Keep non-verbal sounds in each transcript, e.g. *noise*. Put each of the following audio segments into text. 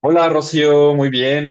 Hola Rocío, muy bien.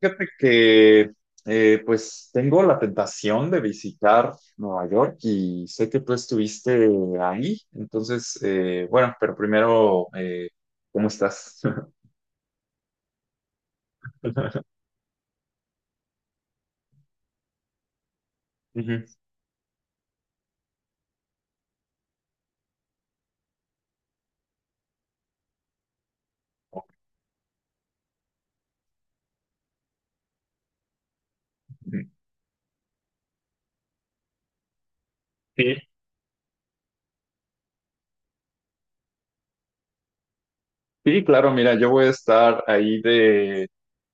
Fíjate que pues tengo la tentación de visitar Nueva York y sé que tú estuviste ahí. Entonces bueno, pero primero, ¿cómo estás? *laughs* Ujú. Sí, sí, claro, mira, yo voy a estar ahí de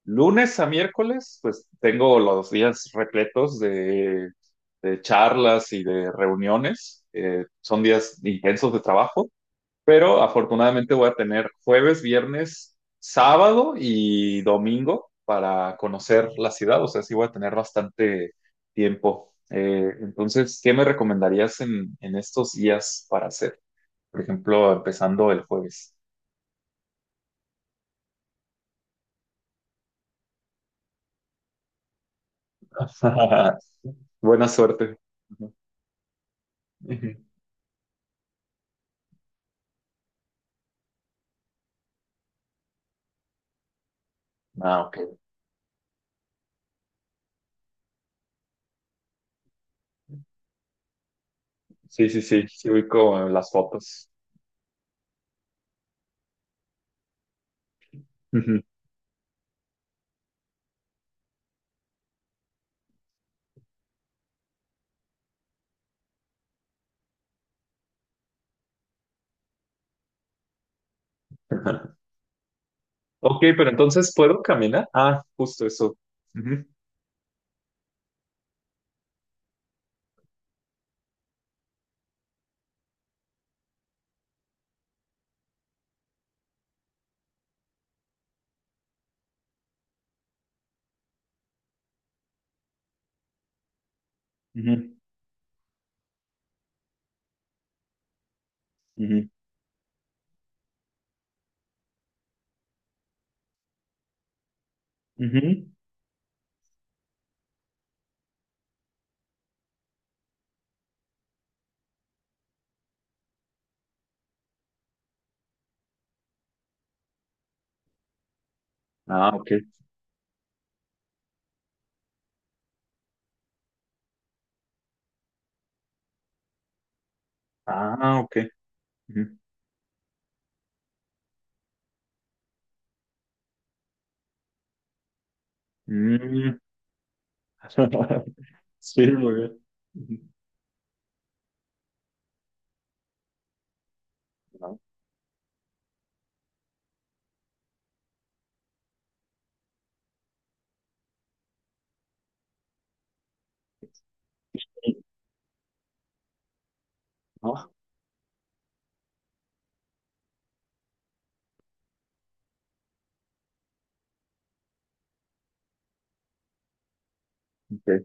lunes a miércoles, pues tengo los días repletos de charlas y de reuniones. Son días intensos de trabajo. Pero afortunadamente voy a tener jueves, viernes, sábado y domingo para conocer la ciudad. O sea, sí voy a tener bastante tiempo. Entonces, ¿qué me recomendarías en estos días para hacer? Por ejemplo, empezando el jueves. *laughs* Buena suerte. Ujú. Ah, ok. Sí, sí, sí, sí ubico las fotos. Ujú. *laughs* Ok, pero entonces ¿puedo caminar? Ah, justo eso. Ujú, ujú, ujú, ujú. Ah, ok. Ah, ok. Ujú. Mm. *laughs* Sí, muy bien. Ujú. No, no, ok.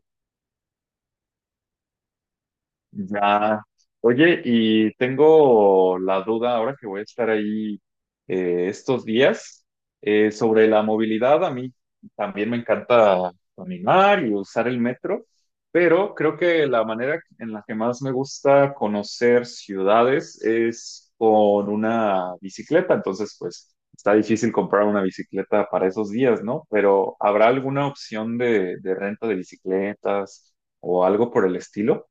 Ya. Oye, y tengo la duda ahora que voy a estar ahí estos días, sobre la movilidad. A mí también me encanta caminar y usar el metro, pero creo que la manera en la que más me gusta conocer ciudades es con una bicicleta. Entonces, pues está difícil comprar una bicicleta para esos días, ¿no? Pero ¿habrá alguna opción de renta de bicicletas o algo por el estilo?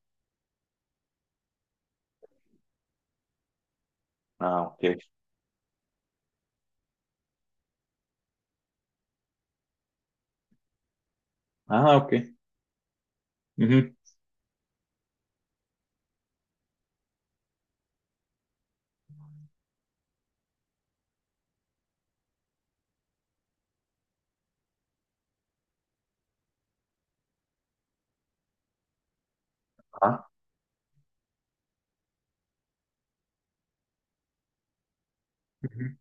Ah, ok. Ah, ok. Ujú. Ajá. Ujú,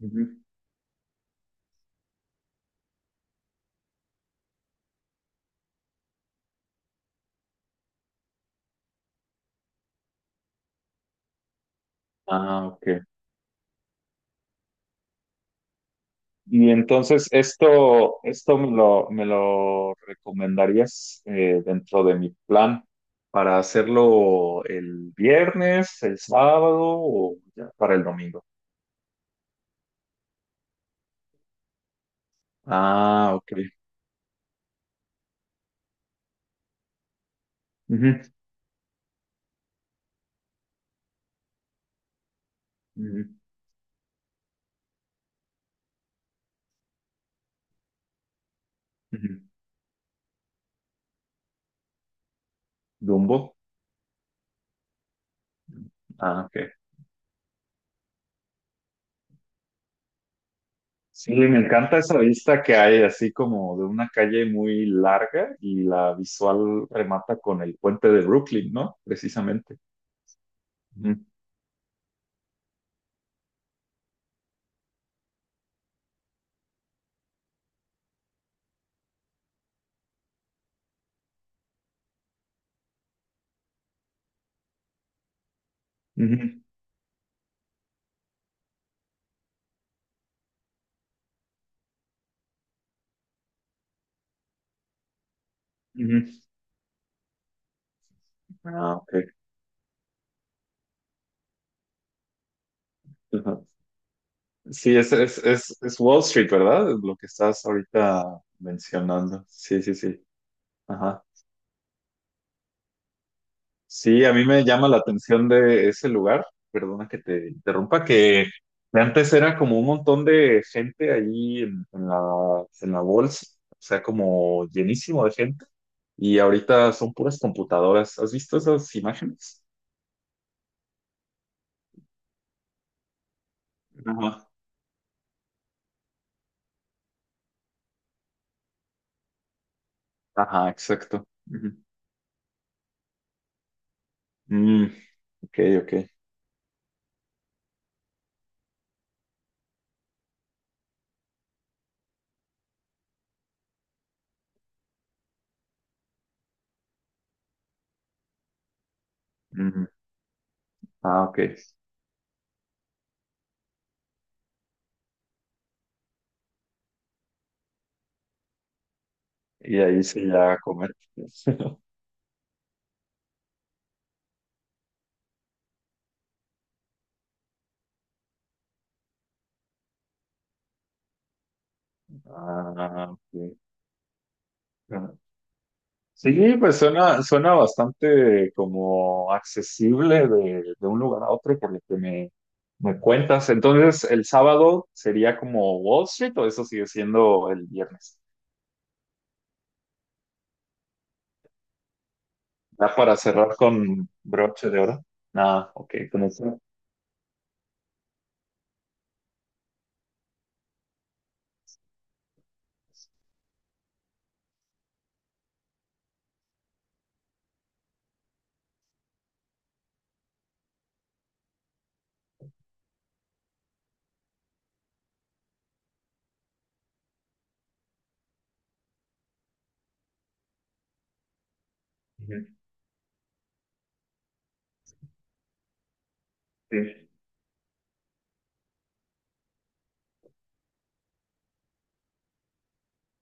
ujú. Ah, ok. Y entonces esto me lo recomendarías dentro de mi plan para hacerlo el viernes, el sábado o ya para el domingo. Ah, ok. Ujú, ujú, ujú. Dumbo. Ah, ok. Sí, me encanta esa vista que hay, así como de una calle muy larga y la visual remata con el puente de Brooklyn, ¿no? Precisamente. Ujú, ujú, ujú. Ah, ok. Ajá. Sí, es Wall Street, ¿verdad? Lo que estás ahorita mencionando. Sí, sí, sí. Ajá. Sí, a mí me llama la atención de ese lugar, perdona que te interrumpa, que de antes era como un montón de gente ahí en la bolsa, o sea, como llenísimo de gente, y ahorita son puras computadoras. ¿Has visto esas imágenes? Ajá. Ajá, exacto. Ujú. Mm, ok, ok. Ujú. Ah, ok. Y ahí se ya a comer. *laughs* Ah, ok. Ah, sí, pues suena, suena bastante como accesible de un lugar a otro por lo que me cuentas. Entonces, el sábado sería como Wall Street o eso sigue siendo el viernes. ¿Da para cerrar con broche de oro? Nada, ok, con eso. Ujú, sí.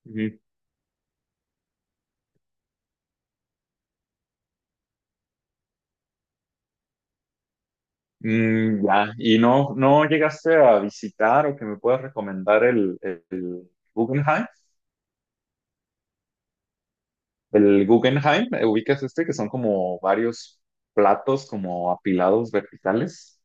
Ujú. Mm, ya, ¿y no, no llegaste a visitar o que me puedas recomendar el Guggenheim? El Guggenheim, ¿eh? Ubicas este, que son como varios platos como apilados verticales.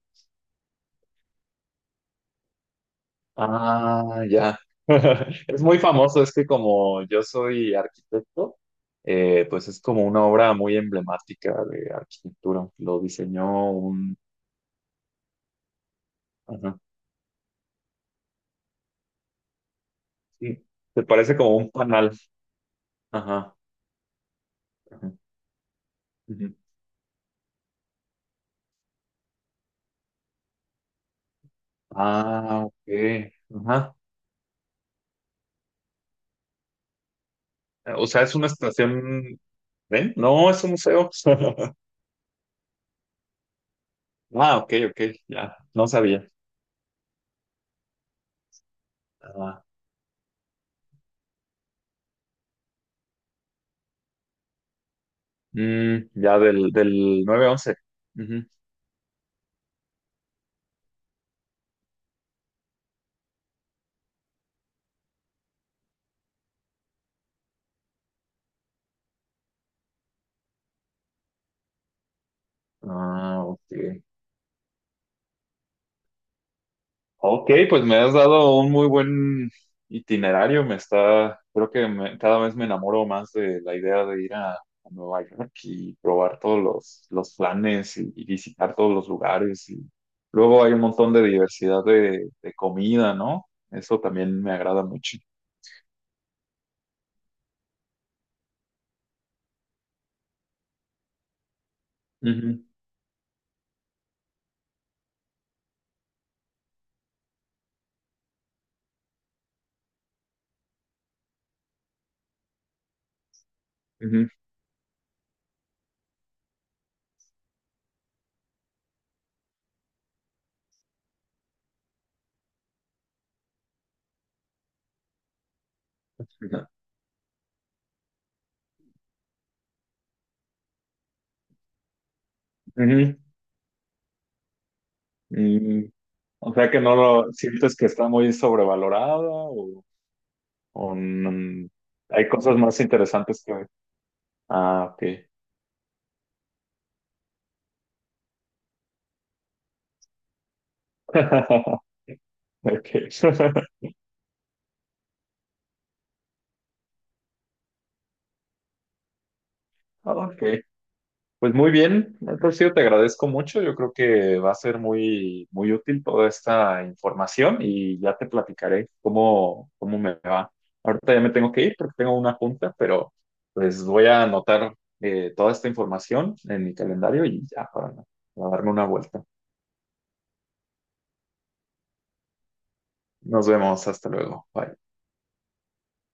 Ah, ya. *laughs* Es muy famoso, es que como yo soy arquitecto, pues es como una obra muy emblemática de arquitectura. Lo diseñó un... Ajá. Sí, se parece como un panal. Ajá, ajá, ujú. Ah, ok. Ajá. O sea, es una estación... ¿Ven? No, es un museo. *laughs* Ah, ok, ok, ya, no sabía. Ah, mm, ya del 9/11. Ujú. Ah, ok. Ok, pues me has dado un muy buen itinerario. Me está, creo que me- cada vez me enamoro más de la idea de ir a Nueva York y probar todos los planes y visitar todos los lugares. Y luego hay un montón de diversidad de comida, ¿no? Eso también me agrada mucho. Ujú, ujú, ujú. Ujú. O sea que no lo sientes que está muy sobrevalorada o, o n- hay cosas más interesantes que... Ah, ok. *laughs* Okay. *laughs* Ok. Pues muy bien, Rocío, te agradezco mucho. Yo creo que va a ser muy, muy útil toda esta información y ya te platicaré cómo, cómo me va. Ahorita ya me tengo que ir porque tengo una junta, pero pues voy a anotar toda esta información en mi calendario y ya para darme una vuelta. Nos vemos, hasta luego. Bye.